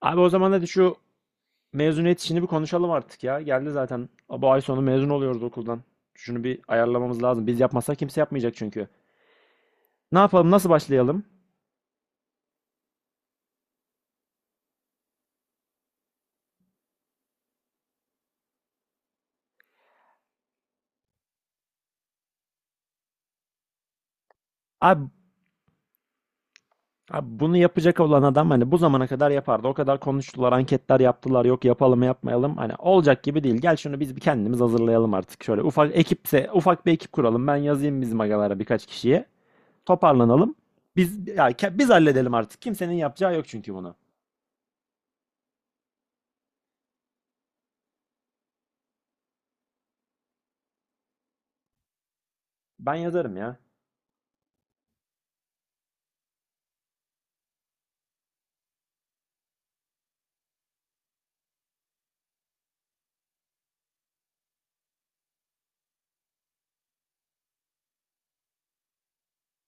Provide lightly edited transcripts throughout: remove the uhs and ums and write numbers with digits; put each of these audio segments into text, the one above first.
Abi o zaman hadi şu mezuniyet işini bir konuşalım artık ya. Geldi zaten. Bu ay sonu mezun oluyoruz okuldan. Şunu bir ayarlamamız lazım. Biz yapmazsak kimse yapmayacak çünkü. Ne yapalım? Nasıl başlayalım? Abi, abi, bunu yapacak olan adam hani bu zamana kadar yapardı. O kadar konuştular, anketler yaptılar. Yok yapalım yapmayalım. Hani olacak gibi değil. Gel şunu biz bir kendimiz hazırlayalım artık. Şöyle ufak ekipse ufak bir ekip kuralım. Ben yazayım bizim agalara birkaç kişiye. Toparlanalım. Biz halledelim artık. Kimsenin yapacağı yok çünkü bunu. Ben yazarım ya.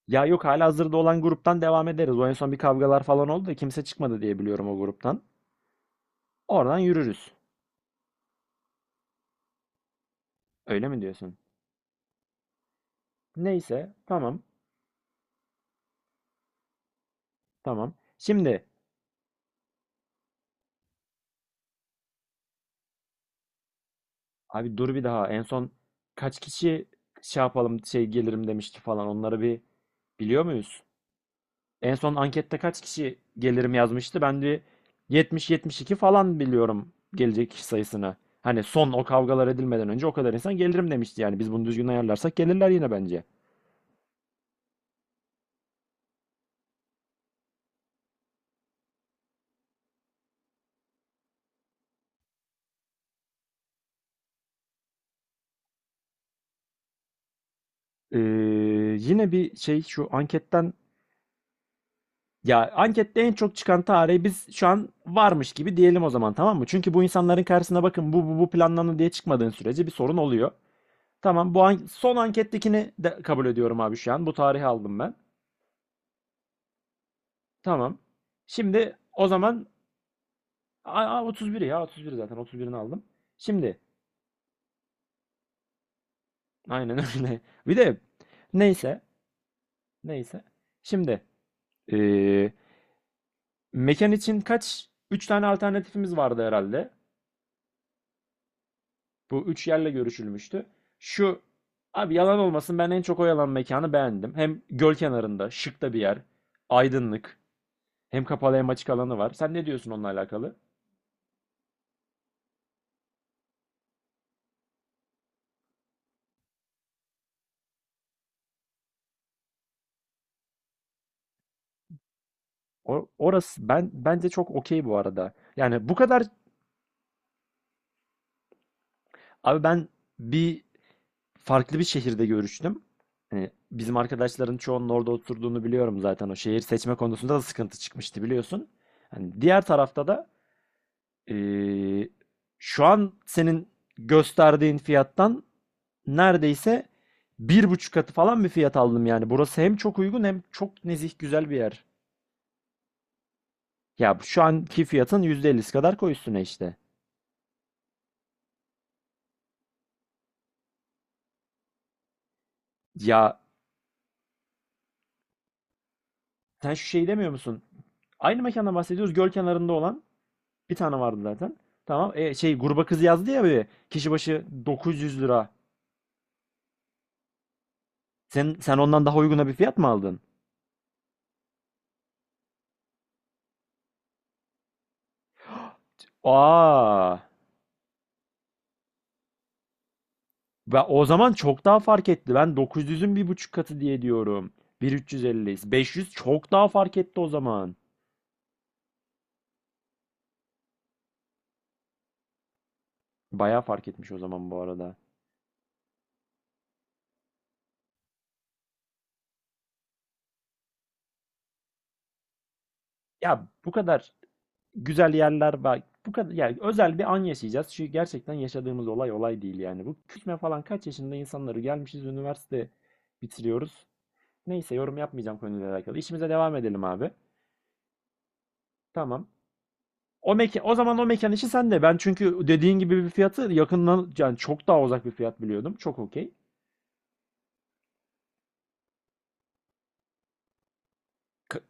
Ya yok, halihazırda olan gruptan devam ederiz. O en son bir kavgalar falan oldu da kimse çıkmadı diye biliyorum o gruptan. Oradan yürürüz. Öyle mi diyorsun? Neyse, tamam. Şimdi abi dur, bir daha en son kaç kişi şey yapalım şey gelirim demişti falan, onları bir biliyor muyuz? En son ankette kaç kişi gelirim yazmıştı? Ben de 70-72 falan biliyorum gelecek kişi sayısını. Hani son o kavgalar edilmeden önce o kadar insan gelirim demişti, yani biz bunu düzgün ayarlarsak gelirler yine bence. Ee, Yine bir şey şu anketten, ya ankette en çok çıkan tarihi biz şu an varmış gibi diyelim o zaman, tamam mı? Çünkü bu insanların karşısına bakın bu bu planlandı diye çıkmadığın sürece bir sorun oluyor. Tamam, bu an- son ankettekini de kabul ediyorum abi şu an. Bu tarihi aldım ben. Tamam. Şimdi o zaman 31, ya 31 zaten, 31'ini aldım. Şimdi aynen öyle. Bir de neyse, neyse. Şimdi ee, mekan için kaç, 3 tane alternatifimiz vardı herhalde. Bu üç yerle görüşülmüştü. Şu abi yalan olmasın, ben en çok o yalan mekanı beğendim. Hem göl kenarında şık da bir yer. Aydınlık. Hem kapalı hem açık alanı var. Sen ne diyorsun onunla alakalı? Orası ben bence çok okey bu arada. Yani bu kadar abi, ben bir farklı bir şehirde görüştüm. Hani bizim arkadaşların çoğunun orada oturduğunu biliyorum zaten. O şehir seçme konusunda da sıkıntı çıkmıştı biliyorsun. Hani diğer tarafta da eee, şu an senin gösterdiğin fiyattan neredeyse bir buçuk katı falan bir fiyat aldım yani. Burası hem çok uygun hem çok nezih, güzel bir yer. Ya şu anki fiyatın %50'si kadar koy üstüne işte. Ya sen şu şeyi demiyor musun? Aynı mekandan bahsediyoruz. Göl kenarında olan bir tane vardı zaten. Tamam. E, şey gruba kız yazdı ya, bir kişi başı 900 lira. Sen ondan daha uyguna bir fiyat mı aldın? Aa, ben o zaman çok daha fark etti. Ben 900'ün bir buçuk katı diye diyorum. 1350'yiz. 500 çok daha fark etti o zaman. Bayağı fark etmiş o zaman bu arada. Ya bu kadar güzel yerler var. Bu kadar yani özel bir an yaşayacağız. Çünkü gerçekten yaşadığımız olay olay değil yani. Bu küçme falan kaç yaşında insanları gelmişiz, üniversite bitiriyoruz. Neyse, yorum yapmayacağım konuyla alakalı. İşimize devam edelim abi. Tamam. O mekan, o zaman o mekan işi sende. Ben çünkü dediğin gibi bir fiyatı yakından yani çok daha uzak bir fiyat biliyordum. Çok okey. K-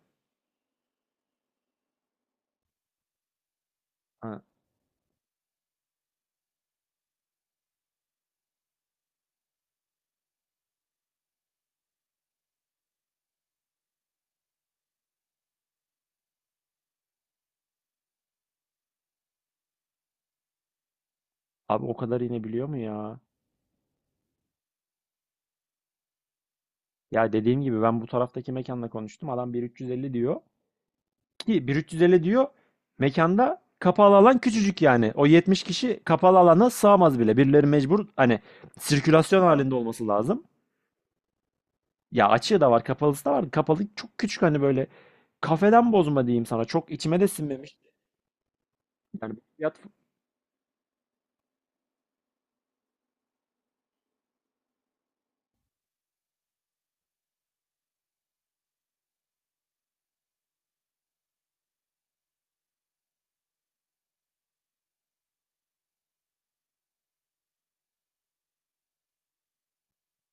Ha, Abi o kadar inebiliyor mu ya? Ya dediğim gibi, ben bu taraftaki mekanla konuştum. Adam 1350 diyor. Ki 1350 diyor, mekanda kapalı alan küçücük yani. O 70 kişi kapalı alana sığamaz bile. Birileri mecbur hani sirkülasyon halinde olması lazım. Ya açığı da var, kapalısı da var. Kapalı çok küçük, hani böyle kafeden bozma diyeyim sana. Çok içime de sinmemiş. Yani bu fiyat,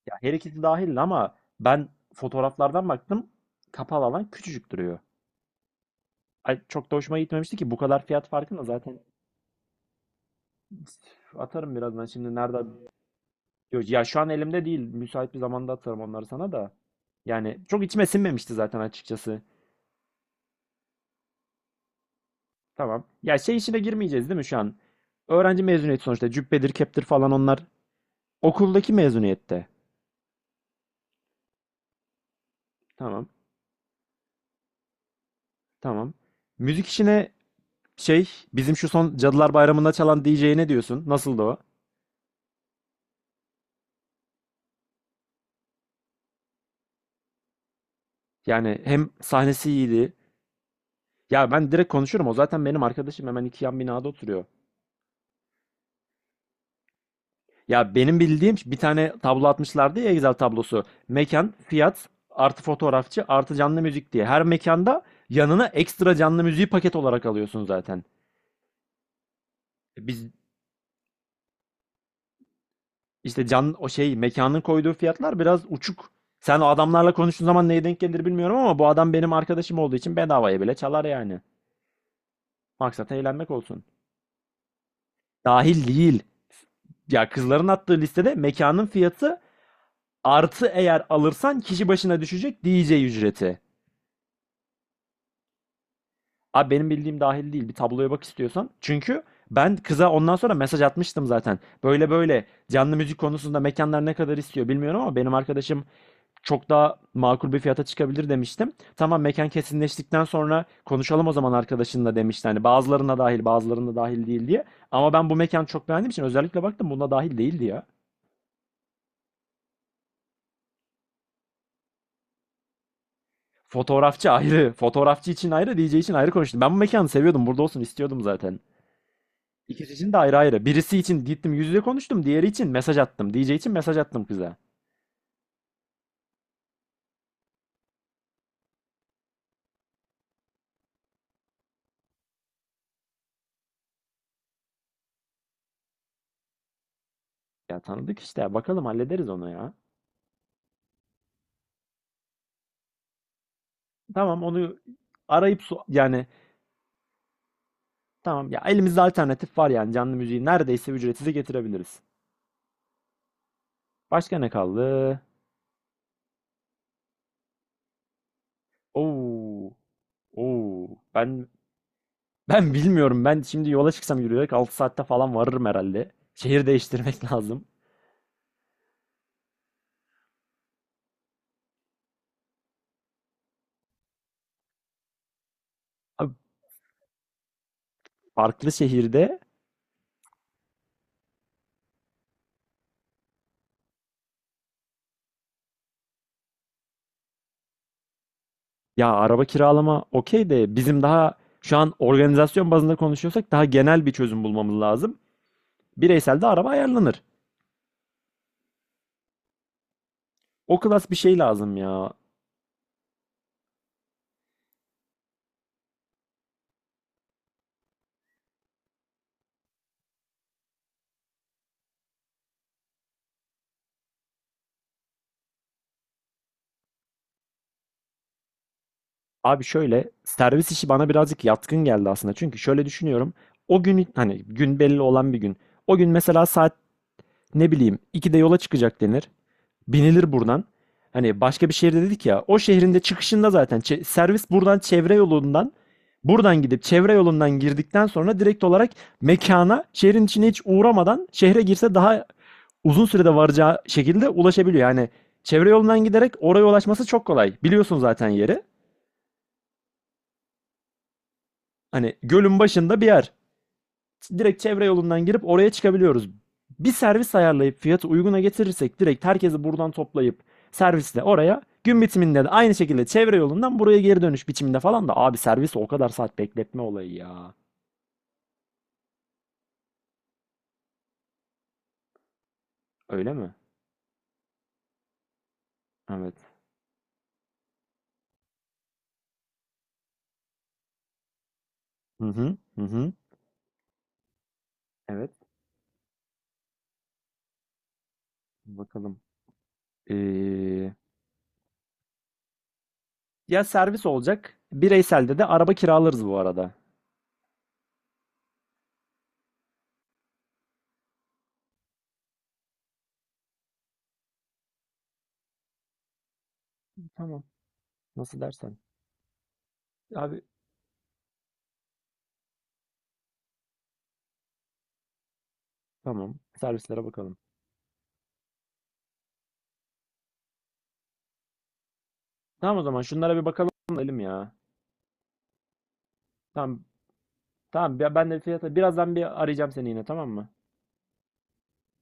ya her ikisi dahil ama ben fotoğraflardan baktım. Kapalı alan küçücük duruyor. Ay, çok da hoşuma gitmemişti ki bu kadar fiyat farkını zaten atarım birazdan, şimdi nerede. Yo, ya şu an elimde değil. Müsait bir zamanda atarım onları sana da. Yani çok içime sinmemişti zaten açıkçası. Tamam. Ya şey işine girmeyeceğiz değil mi şu an? Öğrenci mezuniyeti sonuçta. Cübbedir, keptir falan onlar. Okuldaki mezuniyette. Tamam. Tamam. Müzik işine şey, bizim şu son Cadılar Bayramı'nda çalan DJ'ye ne diyorsun? Nasıldı o? Yani hem sahnesi iyiydi. Ya ben direkt konuşurum. O zaten benim arkadaşım, hemen iki yan binada oturuyor. Ya benim bildiğim bir tane tablo atmışlardı ya, Excel tablosu. Mekan, fiyat, artı fotoğrafçı, artı canlı müzik diye. Her mekanda yanına ekstra canlı müziği paket olarak alıyorsun zaten. Biz işte can, o şey mekanın koyduğu fiyatlar biraz uçuk. Sen o adamlarla konuştuğun zaman neye denk gelir bilmiyorum ama bu adam benim arkadaşım olduğu için bedavaya bile çalar yani. Maksat eğlenmek olsun. Dahil değil. Ya kızların attığı listede mekanın fiyatı artı eğer alırsan kişi başına düşecek DJ ücreti. Abi benim bildiğim dahil değil. Bir tabloya bak istiyorsan. Çünkü ben kıza ondan sonra mesaj atmıştım zaten. Böyle böyle, canlı müzik konusunda mekanlar ne kadar istiyor bilmiyorum ama benim arkadaşım çok daha makul bir fiyata çıkabilir demiştim. Tamam, mekan kesinleştikten sonra konuşalım o zaman arkadaşınla demişti. Hani bazılarına dahil bazılarına dahil değil diye. Ama ben bu mekanı çok beğendiğim için özellikle baktım, buna dahil değildi ya. Fotoğrafçı ayrı, fotoğrafçı için ayrı, DJ için ayrı konuştum. Ben bu mekanı seviyordum, burada olsun istiyordum zaten. İkisi için de ayrı ayrı. Birisi için gittim yüz yüze konuştum. Diğeri için mesaj attım. DJ için mesaj attım kıza. Ya tanıdık işte ya. Bakalım, hallederiz onu ya. Tamam, onu arayıp yani, tamam ya, elimizde alternatif var yani, canlı müziği neredeyse ücretsiz getirebiliriz. Başka ne kaldı? Oo. Oo. Ben bilmiyorum. Ben şimdi yola çıksam yürüyerek 6 saatte falan varırım herhalde. Şehir değiştirmek lazım. Abi farklı şehirde, ya araba kiralama okey de bizim daha şu an organizasyon bazında konuşuyorsak daha genel bir çözüm bulmamız lazım. Bireysel de araba ayarlanır. O klas bir şey lazım ya. Abi şöyle, servis işi bana birazcık yatkın geldi aslında. Çünkü şöyle düşünüyorum. O gün hani gün belli olan bir gün. O gün mesela saat ne bileyim 2'de yola çıkacak denir. Binilir buradan. Hani başka bir şehirde dedik ya. O şehrin de çıkışında zaten servis buradan çevre yolundan, buradan gidip çevre yolundan girdikten sonra direkt olarak mekana şehrin içine hiç uğramadan şehre girse daha uzun sürede varacağı şekilde ulaşabiliyor. Yani çevre yolundan giderek oraya ulaşması çok kolay. Biliyorsun zaten yeri. Hani gölün başında bir yer. Direkt çevre yolundan girip oraya çıkabiliyoruz. Bir servis ayarlayıp fiyatı uyguna getirirsek direkt herkesi buradan toplayıp servisle oraya, gün bitiminde de aynı şekilde çevre yolundan buraya geri dönüş biçiminde falan da abi servisi o kadar saat bekletme olayı ya. Öyle mi? Evet. Hı hı. Hı hı. Evet. Bakalım. Ee, ya servis olacak. Bireyselde de araba kiralarız bu arada. Tamam. Nasıl dersen. Abi tamam. Servislere bakalım. Tamam, o zaman şunlara bir bakalım elim ya. Tamam. Tamam, ben de fiyatı birazdan bir arayacağım seni yine, tamam mı?